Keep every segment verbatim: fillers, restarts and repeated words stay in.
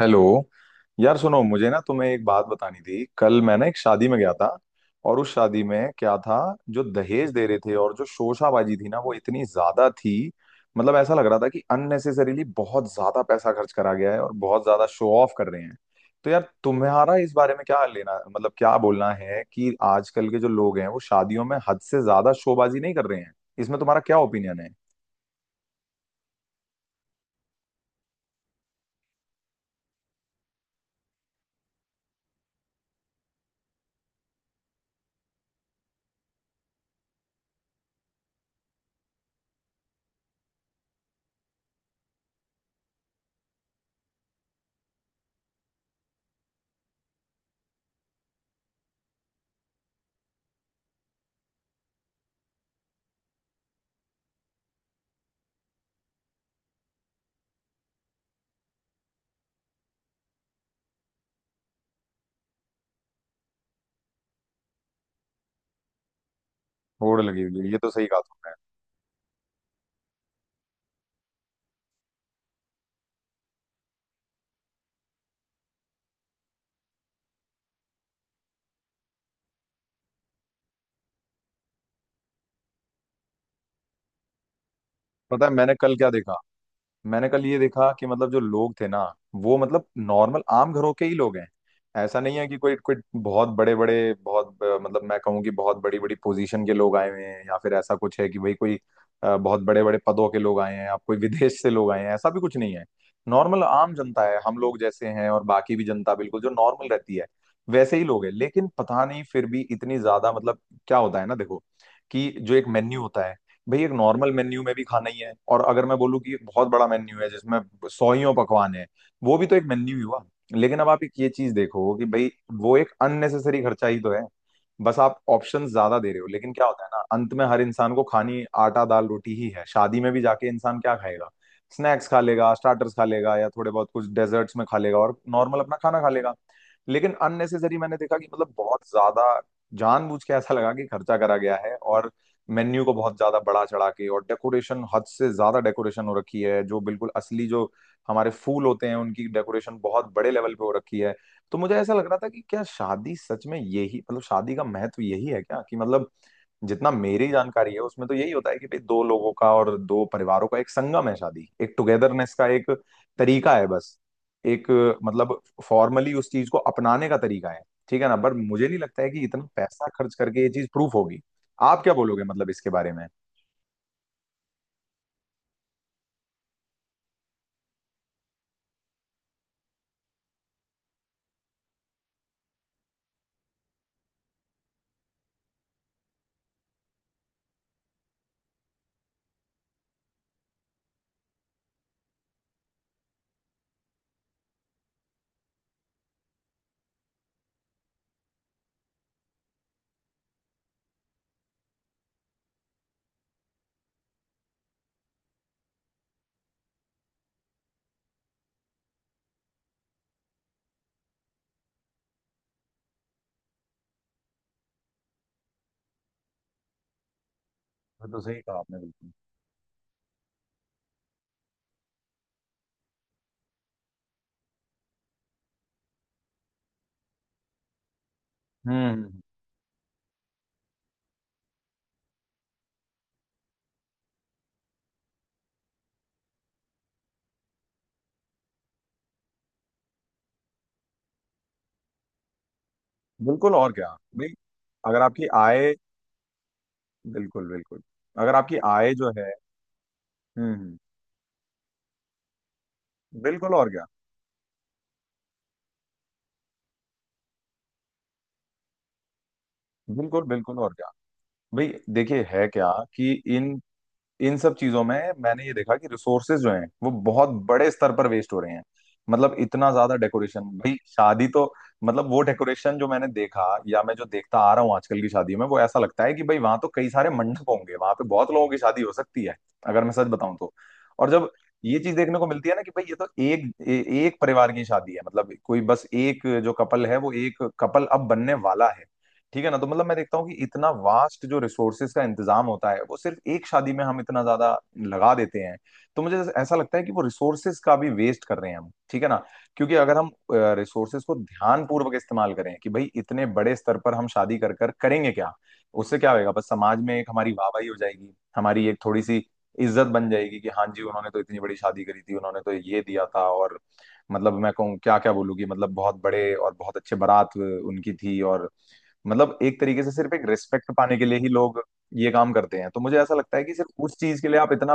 Hello. यार सुनो मुझे ना तुम्हें एक बात बतानी थी। कल मैं ना एक शादी में गया था और उस शादी में क्या था, जो दहेज दे रहे थे और जो शोशाबाजी थी ना वो इतनी ज्यादा थी। मतलब ऐसा लग रहा था कि अननेसेसरीली बहुत ज्यादा पैसा खर्च करा गया है और बहुत ज्यादा शो ऑफ कर रहे हैं। तो यार तुम्हारा इस बारे में क्या लेना, मतलब क्या बोलना है कि आजकल के जो लोग हैं वो शादियों में हद से ज्यादा शोबाजी नहीं कर रहे हैं। इसमें तुम्हारा क्या ओपिनियन है? होड़ लगी हुई है, ये तो सही कहा तुमने। पता है मैंने कल क्या देखा? मैंने कल ये देखा कि मतलब जो लोग थे ना वो मतलब नॉर्मल आम घरों के ही लोग हैं। ऐसा नहीं है कि कोई कोई बहुत बड़े बड़े बहुत अ, मतलब मैं कहूँ कि बहुत बड़ी बड़ी पोजीशन के लोग आए हुए हैं या फिर ऐसा कुछ है कि भाई कोई अ, बहुत बड़े बड़े पदों के लोग आए हैं या कोई विदेश से लोग आए हैं, ऐसा भी कुछ नहीं है। नॉर्मल आम जनता है, हम लोग जैसे हैं, और बाकी भी जनता बिल्कुल जो नॉर्मल रहती है वैसे ही लोग हैं। लेकिन पता नहीं फिर भी इतनी ज्यादा मतलब क्या होता है ना, देखो कि जो एक मेन्यू होता है, भाई एक नॉर्मल मेन्यू में भी खाना ही है, और अगर मैं बोलूँ कि एक बहुत बड़ा मेन्यू है जिसमें सौ ही पकवान है, वो भी तो एक मेन्यू ही हुआ। लेकिन अब आप एक ये चीज देखो कि भाई वो एक अननेसेसरी खर्चा ही तो है। बस आप ऑप्शन ज्यादा दे रहे हो। लेकिन क्या होता है ना, अंत में हर इंसान को खानी आटा दाल रोटी ही है। शादी में भी जाके इंसान क्या खाएगा, स्नैक्स खा लेगा, स्टार्टर्स खा लेगा, या थोड़े बहुत कुछ डेजर्ट्स में खा लेगा और नॉर्मल अपना खाना खा लेगा। लेकिन अननेसेसरी मैंने देखा कि मतलब बहुत ज्यादा जानबूझ के ऐसा लगा कि खर्चा करा गया है, और मेन्यू को बहुत ज्यादा बड़ा चढ़ा के, और डेकोरेशन हद से ज्यादा डेकोरेशन हो रखी है जो बिल्कुल असली जो हमारे फूल होते हैं उनकी डेकोरेशन बहुत बड़े लेवल पे हो रखी है। तो मुझे ऐसा लग रहा था कि क्या शादी सच में यही मतलब शादी का महत्व यही है क्या कि मतलब जितना मेरी जानकारी है उसमें तो यही होता है कि भाई दो लोगों का और दो परिवारों का एक संगम है शादी, एक टुगेदरनेस का एक तरीका है, बस एक मतलब फॉर्मली उस चीज को अपनाने का तरीका है। ठीक है ना, पर मुझे नहीं लगता है कि इतना पैसा खर्च करके ये चीज प्रूफ होगी। आप क्या बोलोगे मतलब इसके बारे में? वो तो सही कहा आपने, बिल्कुल। हम्म। बिल्कुल, और क्या। भाई अगर आपकी आय, बिल्कुल बिल्कुल। अगर आपकी आय जो है, हम्म हम्म, बिल्कुल और क्या। बिल्कुल बिल्कुल और क्या। भाई देखिए है क्या कि इन इन सब चीजों में मैंने ये देखा कि रिसोर्सेज जो हैं वो बहुत बड़े स्तर पर वेस्ट हो रहे हैं। मतलब इतना ज्यादा डेकोरेशन, भाई शादी तो मतलब वो डेकोरेशन जो मैंने देखा या मैं जो देखता आ रहा हूँ आजकल की शादी में, वो ऐसा लगता है कि भाई वहां तो कई सारे मंडप होंगे, वहां पे बहुत लोगों की शादी हो सकती है अगर मैं सच बताऊं तो। और जब ये चीज देखने को मिलती है ना कि भाई ये तो एक ए, एक परिवार की शादी है। मतलब कोई बस एक जो कपल है वो एक कपल अब बनने वाला है। ठीक है ना, तो मतलब मैं देखता हूँ कि इतना वास्ट जो रिसोर्सेज का इंतजाम होता है वो सिर्फ एक शादी में हम इतना ज्यादा लगा देते हैं। तो मुझे ऐसा लगता है कि वो रिसोर्सेज का भी वेस्ट कर रहे हैं हम। ठीक है ना, क्योंकि अगर हम रिसोर्सेज को ध्यान पूर्वक इस्तेमाल करें कि भाई इतने बड़े स्तर पर हम शादी कर कर करेंगे क्या, उससे क्या होएगा, बस समाज में एक हमारी वाहवाही हो जाएगी, हमारी एक थोड़ी सी इज्जत बन जाएगी कि हाँ जी उन्होंने तो इतनी बड़ी शादी करी थी, उन्होंने तो ये दिया था, और मतलब मैं कहूँ क्या क्या बोलूँ कि मतलब बहुत बड़े और बहुत अच्छे बारात अ, उनकी थी, और मतलब एक तरीके से सिर्फ एक रिस्पेक्ट पाने के लिए ही लोग ये काम करते हैं। तो मुझे ऐसा लगता है कि सिर्फ उस चीज के लिए आप इतना,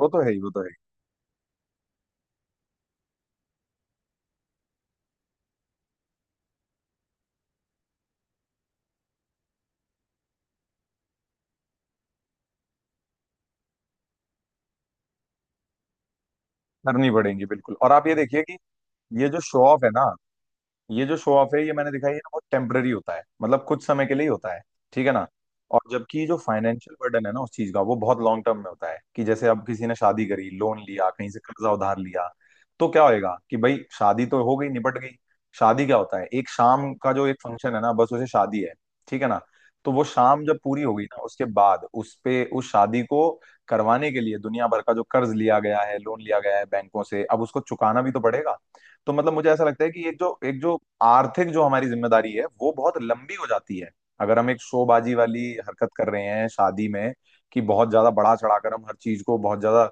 वो तो है ही वो तो है ही करनी पड़ेगी बिल्कुल। और आप ये देखिए कि ये जो शो ऑफ है ना, ये जो शो ऑफ है ये मैंने दिखाई है ना, वो टेम्पररी होता है, मतलब कुछ समय के लिए ही होता है। ठीक है ना, और जबकि जो फाइनेंशियल बर्डन है ना उस चीज का, वो बहुत लॉन्ग टर्म में होता है। कि जैसे अब किसी ने शादी करी, लोन लिया, कहीं से कर्जा उधार लिया, तो क्या होएगा कि भाई शादी तो हो गई निपट गई, शादी क्या होता है, एक शाम का जो एक फंक्शन है ना, बस उसे शादी है। ठीक है ना, तो वो शाम जब पूरी हो गई ना, उसके बाद उस पे उस शादी को करवाने के लिए दुनिया भर का जो कर्ज लिया गया है, लोन लिया गया है बैंकों से, अब उसको चुकाना भी तो पड़ेगा। तो मतलब मुझे ऐसा लगता है कि एक जो एक जो आर्थिक जो हमारी जिम्मेदारी है वो बहुत लंबी हो जाती है, अगर हम एक शोबाजी वाली हरकत कर रहे हैं शादी में। कि बहुत ज्यादा बढ़ा चढ़ाकर हम हर चीज को बहुत ज्यादा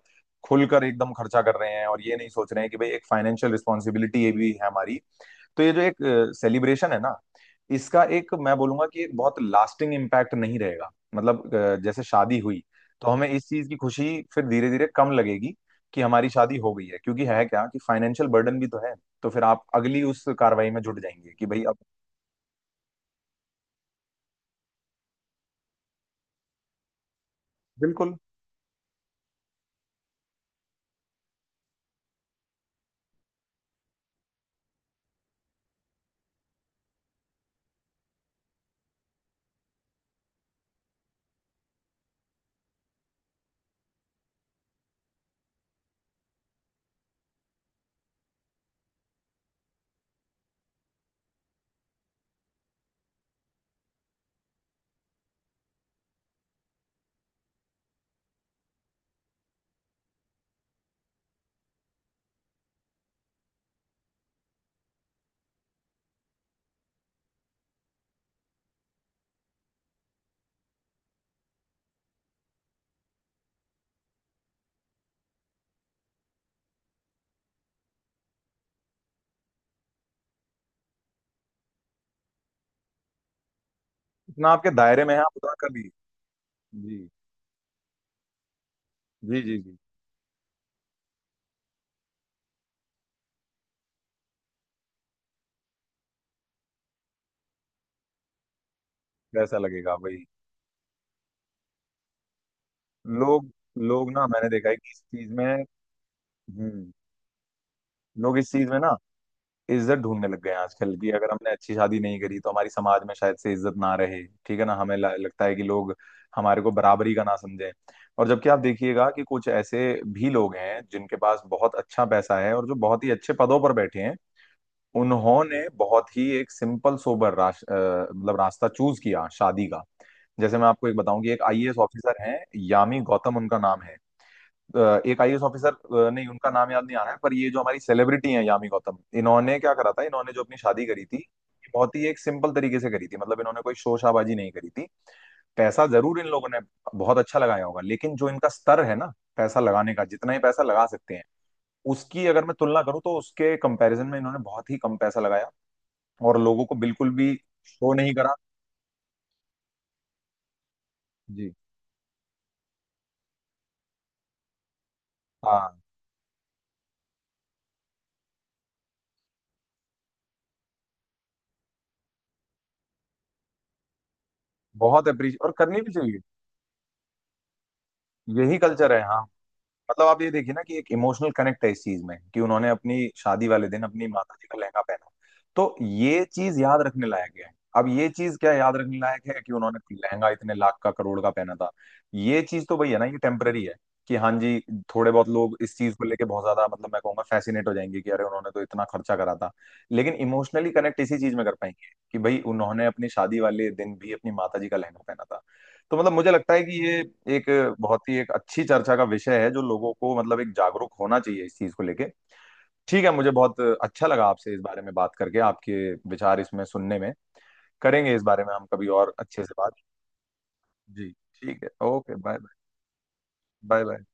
खुलकर एकदम खर्चा कर रहे हैं, और ये नहीं सोच रहे हैं कि भाई एक फाइनेंशियल रिस्पॉन्सिबिलिटी ये भी है हमारी। तो ये जो एक सेलिब्रेशन है ना, इसका एक मैं बोलूंगा कि एक बहुत लास्टिंग इम्पैक्ट नहीं रहेगा। मतलब अ, जैसे शादी हुई, तो हमें इस चीज की खुशी फिर धीरे धीरे कम लगेगी कि हमारी शादी हो गई है, क्योंकि है क्या कि फाइनेंशियल बर्डन भी तो है। तो फिर आप अगली उस कार्रवाई में जुट जाएंगे कि भाई अब बिल्कुल इतना आपके दायरे में है आप उतना कर लीजिए। जी जी जी जी वैसा लगेगा भाई। लोग लोग ना मैंने देखा है कि इस चीज में, हम्म, लोग इस चीज में ना इज्जत ढूंढने लग गए हैं आजकल। कि अगर हमने अच्छी शादी नहीं करी तो हमारी समाज में शायद से इज्जत ना रहे। ठीक है ना, हमें ल- लगता है कि लोग हमारे को बराबरी का ना समझें। और जबकि आप देखिएगा कि कुछ ऐसे भी लोग हैं जिनके पास बहुत अच्छा पैसा है और जो बहुत ही अच्छे पदों पर बैठे हैं, उन्होंने बहुत ही एक सिंपल सोबर राश अ, मतलब रास्ता चूज किया शादी का। जैसे मैं आपको एक बताऊं कि एक आई ए एस ऑफिसर हैं, यामी गौतम उनका नाम है। अ, एक आईएएस ऑफिसर, अ, नहीं उनका नाम याद नहीं आ रहा है, पर ये जो हमारी सेलिब्रिटी हैं यामी गौतम, इन्होंने क्या करा था, इन्होंने जो अपनी शादी करी थी ये बहुत ही एक सिंपल तरीके से करी थी। मतलब इन्होंने कोई शोरशाबाजी नहीं करी थी, पैसा जरूर इन लोगों ने बहुत अच्छा लगाया होगा, लेकिन जो इनका स्तर है ना पैसा लगाने का, जितना ही पैसा लगा सकते हैं उसकी अगर मैं तुलना करूं, तो उसके कंपैरिजन में इन्होंने बहुत ही कम पैसा लगाया और लोगों को बिल्कुल भी शो नहीं करा। जी। हाँ, बहुत अप्रिशिएट, और करनी भी चाहिए। यही कल्चर है, हाँ। मतलब आप ये देखिए ना कि एक इमोशनल कनेक्ट है इस चीज में कि उन्होंने अपनी शादी वाले दिन अपनी माता जी का लहंगा पहना, तो ये चीज याद रखने लायक है। अब ये चीज क्या याद रखने लायक है कि उन्होंने लहंगा इतने लाख का करोड़ का पहना था। ये चीज तो वही है ना, ये टेम्पररी है। कि हाँ जी, थोड़े बहुत लोग इस चीज को लेके बहुत ज्यादा मतलब मैं कहूंगा फैसिनेट हो जाएंगे कि अरे उन्होंने तो इतना खर्चा करा था, लेकिन इमोशनली कनेक्ट इसी चीज में कर पाएंगे कि भाई उन्होंने अपनी शादी वाले दिन भी अपनी माता जी का लहंगा पहना था। तो मतलब मुझे लगता है कि ये एक बहुत ही एक अच्छी चर्चा का विषय है, जो लोगों को मतलब एक जागरूक होना चाहिए इस चीज को लेके। ठीक है, मुझे बहुत अच्छा लगा आपसे इस बारे में बात करके, आपके विचार इसमें सुनने में। करेंगे इस बारे में हम कभी और अच्छे से बात। जी ठीक है, okay, bye bye. Bye bye.